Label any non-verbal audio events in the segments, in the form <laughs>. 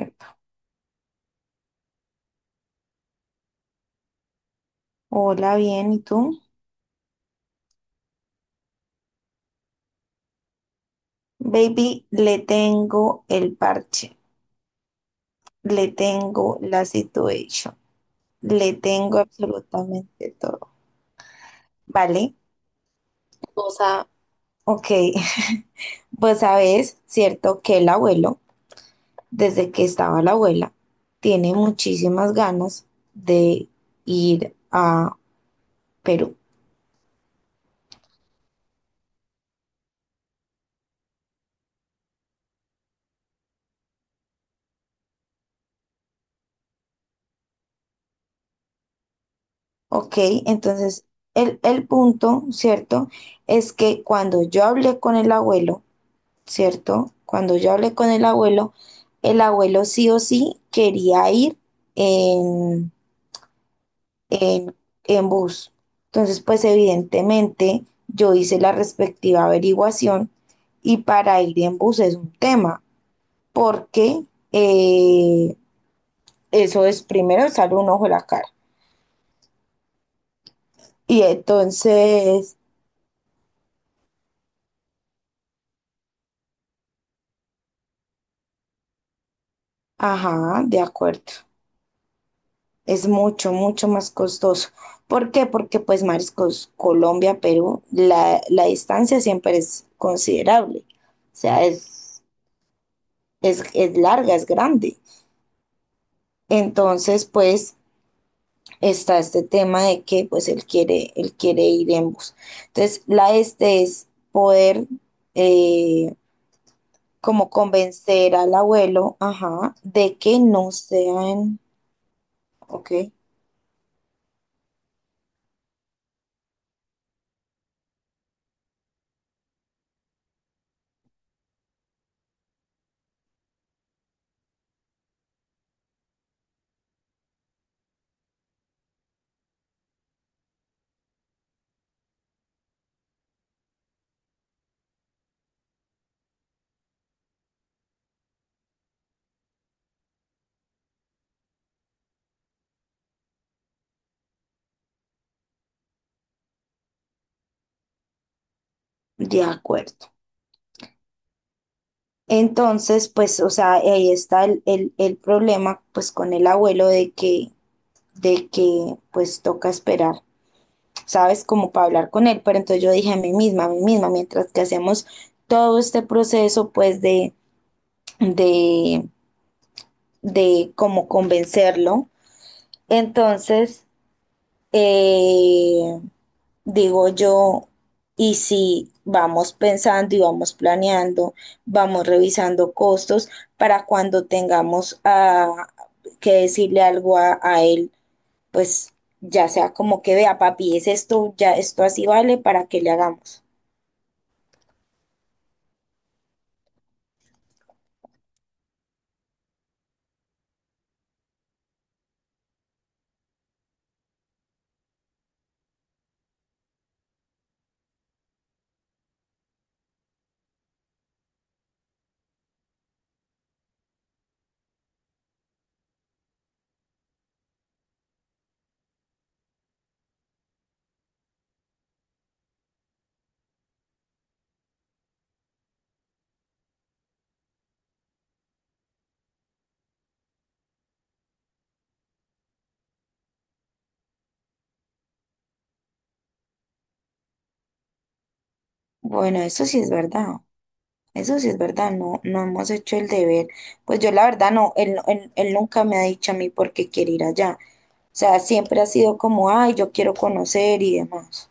Epa. Hola, bien, ¿y tú? Baby, le tengo el parche, le tengo la situation, le tengo absolutamente todo, ¿vale? O sea, ok, <laughs> pues sabes, cierto que el abuelo, desde que estaba la abuela, tiene muchísimas ganas de ir a Perú, ¿ok? Entonces, el punto, ¿cierto? Es que cuando yo hablé con el abuelo, ¿cierto? Cuando yo hablé con el abuelo sí o sí quería ir en, en, en bus. Entonces, pues evidentemente yo hice la respectiva averiguación y para ir en bus es un tema, porque eh, eso es primero sale un ojo de la cara. Y entonces, ajá, de acuerdo. Es mucho, mucho más costoso. ¿Por qué? Porque pues mariscos, Colombia, Perú, la distancia siempre es considerable. O sea, es larga, es grande. Entonces, pues está este tema de que pues él quiere ir en bus. Entonces, la este es poder eh, como convencer al abuelo, ajá, de que no sean, ok, de acuerdo. Entonces, pues, o sea, ahí está el problema, pues, con el abuelo de que, pues, toca esperar, ¿sabes? Como para hablar con él. Pero entonces yo dije a mí misma, mientras que hacemos todo este proceso, pues, de, de cómo convencerlo. Entonces, eh, digo yo, y si vamos pensando y vamos planeando, vamos revisando costos para cuando tengamos ah, que decirle algo a él, pues ya sea como que vea, papi, es esto, ya esto así vale para que le hagamos. Bueno, eso sí es verdad. Eso sí es verdad, no, no hemos hecho el deber. Pues yo la verdad no, él nunca me ha dicho a mí por qué quiere ir allá. O sea, siempre ha sido como, ay, yo quiero conocer y demás.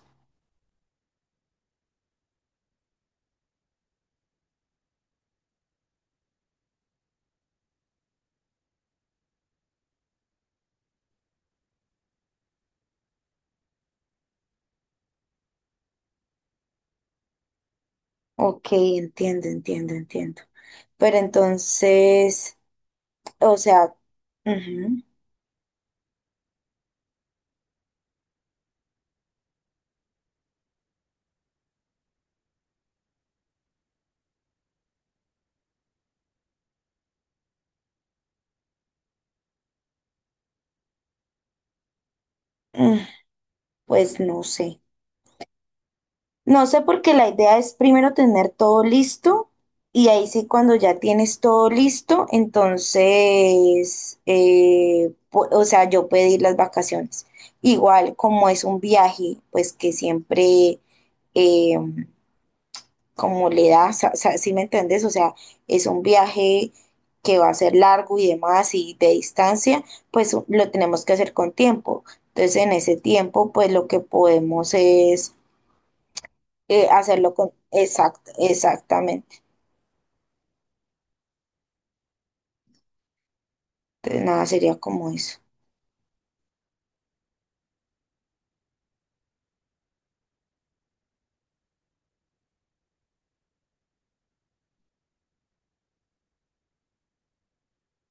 Ok, entiendo, entiendo, entiendo. Pero entonces, o sea, ujú, mm, pues no sé. No sé porque la idea es primero tener todo listo y ahí sí cuando ya tienes todo listo, entonces, o sea, yo pedir las vacaciones. Igual como es un viaje, pues que siempre, eh, como le da, o sea, ¿sí me entendés? O sea, es un viaje que va a ser largo y demás y de distancia, pues lo tenemos que hacer con tiempo. Entonces, en ese tiempo, pues lo que podemos es hacerlo con exacto, exactamente. Entonces, nada, sería como eso.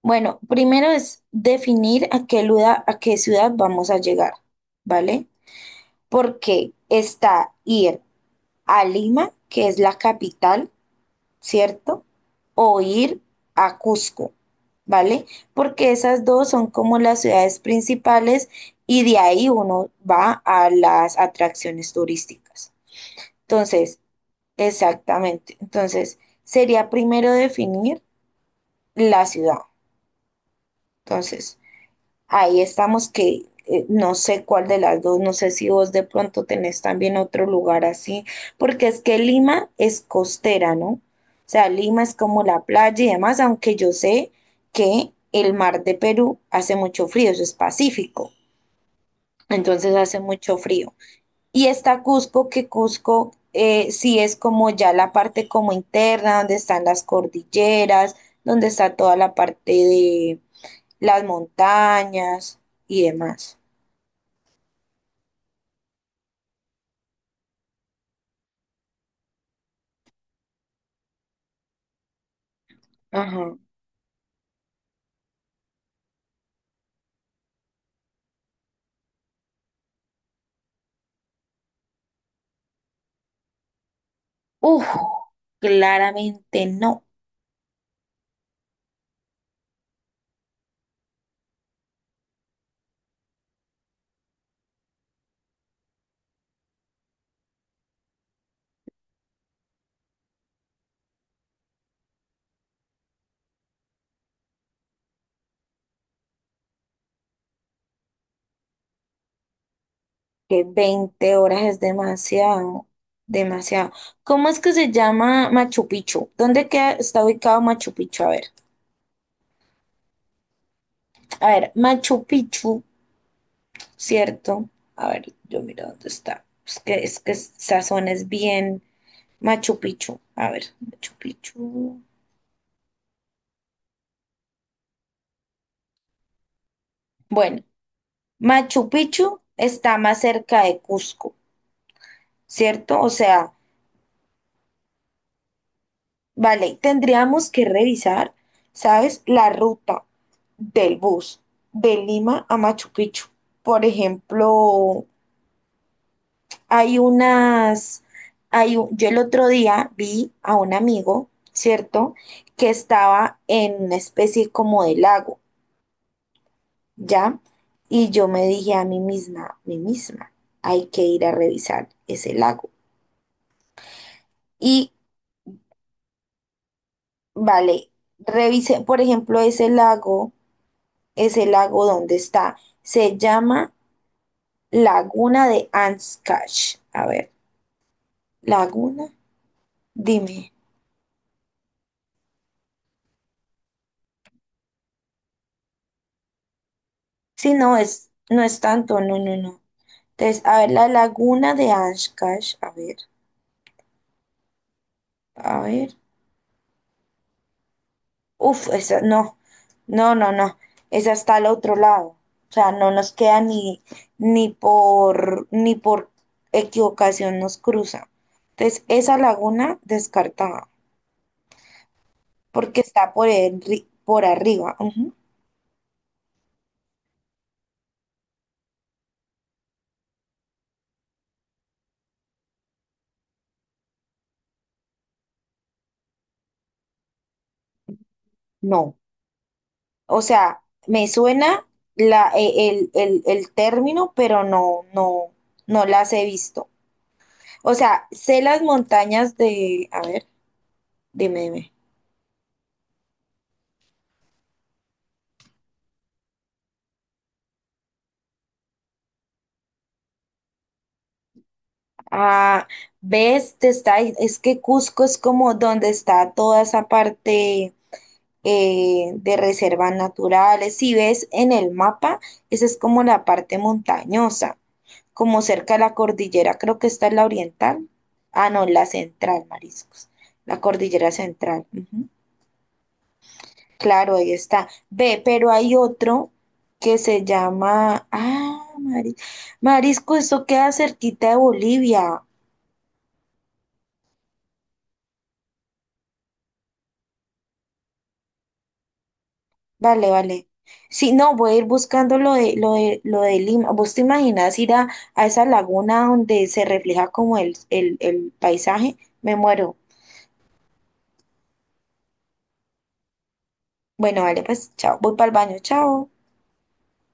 Bueno, primero es definir a a qué ciudad vamos a llegar, ¿vale? Porque está ir a Lima, que es la capital, ¿cierto? O ir a Cusco, ¿vale? Porque esas dos son como las ciudades principales y de ahí uno va a las atracciones turísticas. Entonces, exactamente. Entonces, sería primero definir la ciudad. Entonces, ahí estamos que no sé cuál de las dos, no sé si vos de pronto tenés también otro lugar así, porque es que Lima es costera, ¿no? O sea, Lima es como la playa y demás, aunque yo sé que el mar de Perú hace mucho frío, eso es Pacífico, entonces hace mucho frío. Y está Cusco, que Cusco sí es como ya la parte como interna, donde están las cordilleras, donde está toda la parte de las montañas y demás. Ajá. Uf, claramente no, que 20 horas es demasiado, demasiado. ¿Cómo es que se llama Machu Picchu? ¿Dónde queda, está ubicado Machu Picchu? A ver, Machu Picchu, ¿cierto? A ver, yo miro dónde está. Es que esa zona es bien Machu Picchu. A ver, Machu Picchu. Bueno, Machu Picchu está más cerca de Cusco, ¿cierto? O sea, vale, tendríamos que revisar, ¿sabes? La ruta del bus de Lima a Machu Picchu. Por ejemplo, hay unas, hay un- yo el otro día vi a un amigo, ¿cierto? Que estaba en una especie como de lago, ¿ya? Y yo me dije a mí misma, hay que ir a revisar ese lago. Y, vale, revisé, por ejemplo, ese lago. Es el lago donde está. Se llama Laguna de Ancash. A ver, Laguna, dime. Sí, no es, no es tanto, no, no, no. Entonces, a ver, la Laguna de Ancash, a ver, a ver. Uf, esa, no, no, no, no. Esa está al otro lado. O sea, no nos queda ni, ni por, ni por equivocación nos cruza. Entonces, esa laguna descartada, porque está por, por arriba. Ujú. No. O sea, me suena la, el término, pero no, no, no las he visto. O sea, sé las montañas de, a ver, dime, dime. Ah, ves, te está, es que Cusco es como donde está toda esa parte de reservas naturales. Si ves en el mapa, esa es como la parte montañosa, como cerca de la cordillera, creo que está la oriental. Ah, no, la central, mariscos, la cordillera central. Ujú. Claro, ahí está. Ve, pero hay otro que se llama. Ah, Marisco. Marisco, esto queda cerquita de Bolivia. Vale, vale. Sí, no, voy a ir buscando lo de, lo de, lo de Lima. ¿Vos te imaginas ir a esa laguna donde se refleja como el paisaje? Me muero. Bueno, vale, pues chao. Voy para el baño, chao.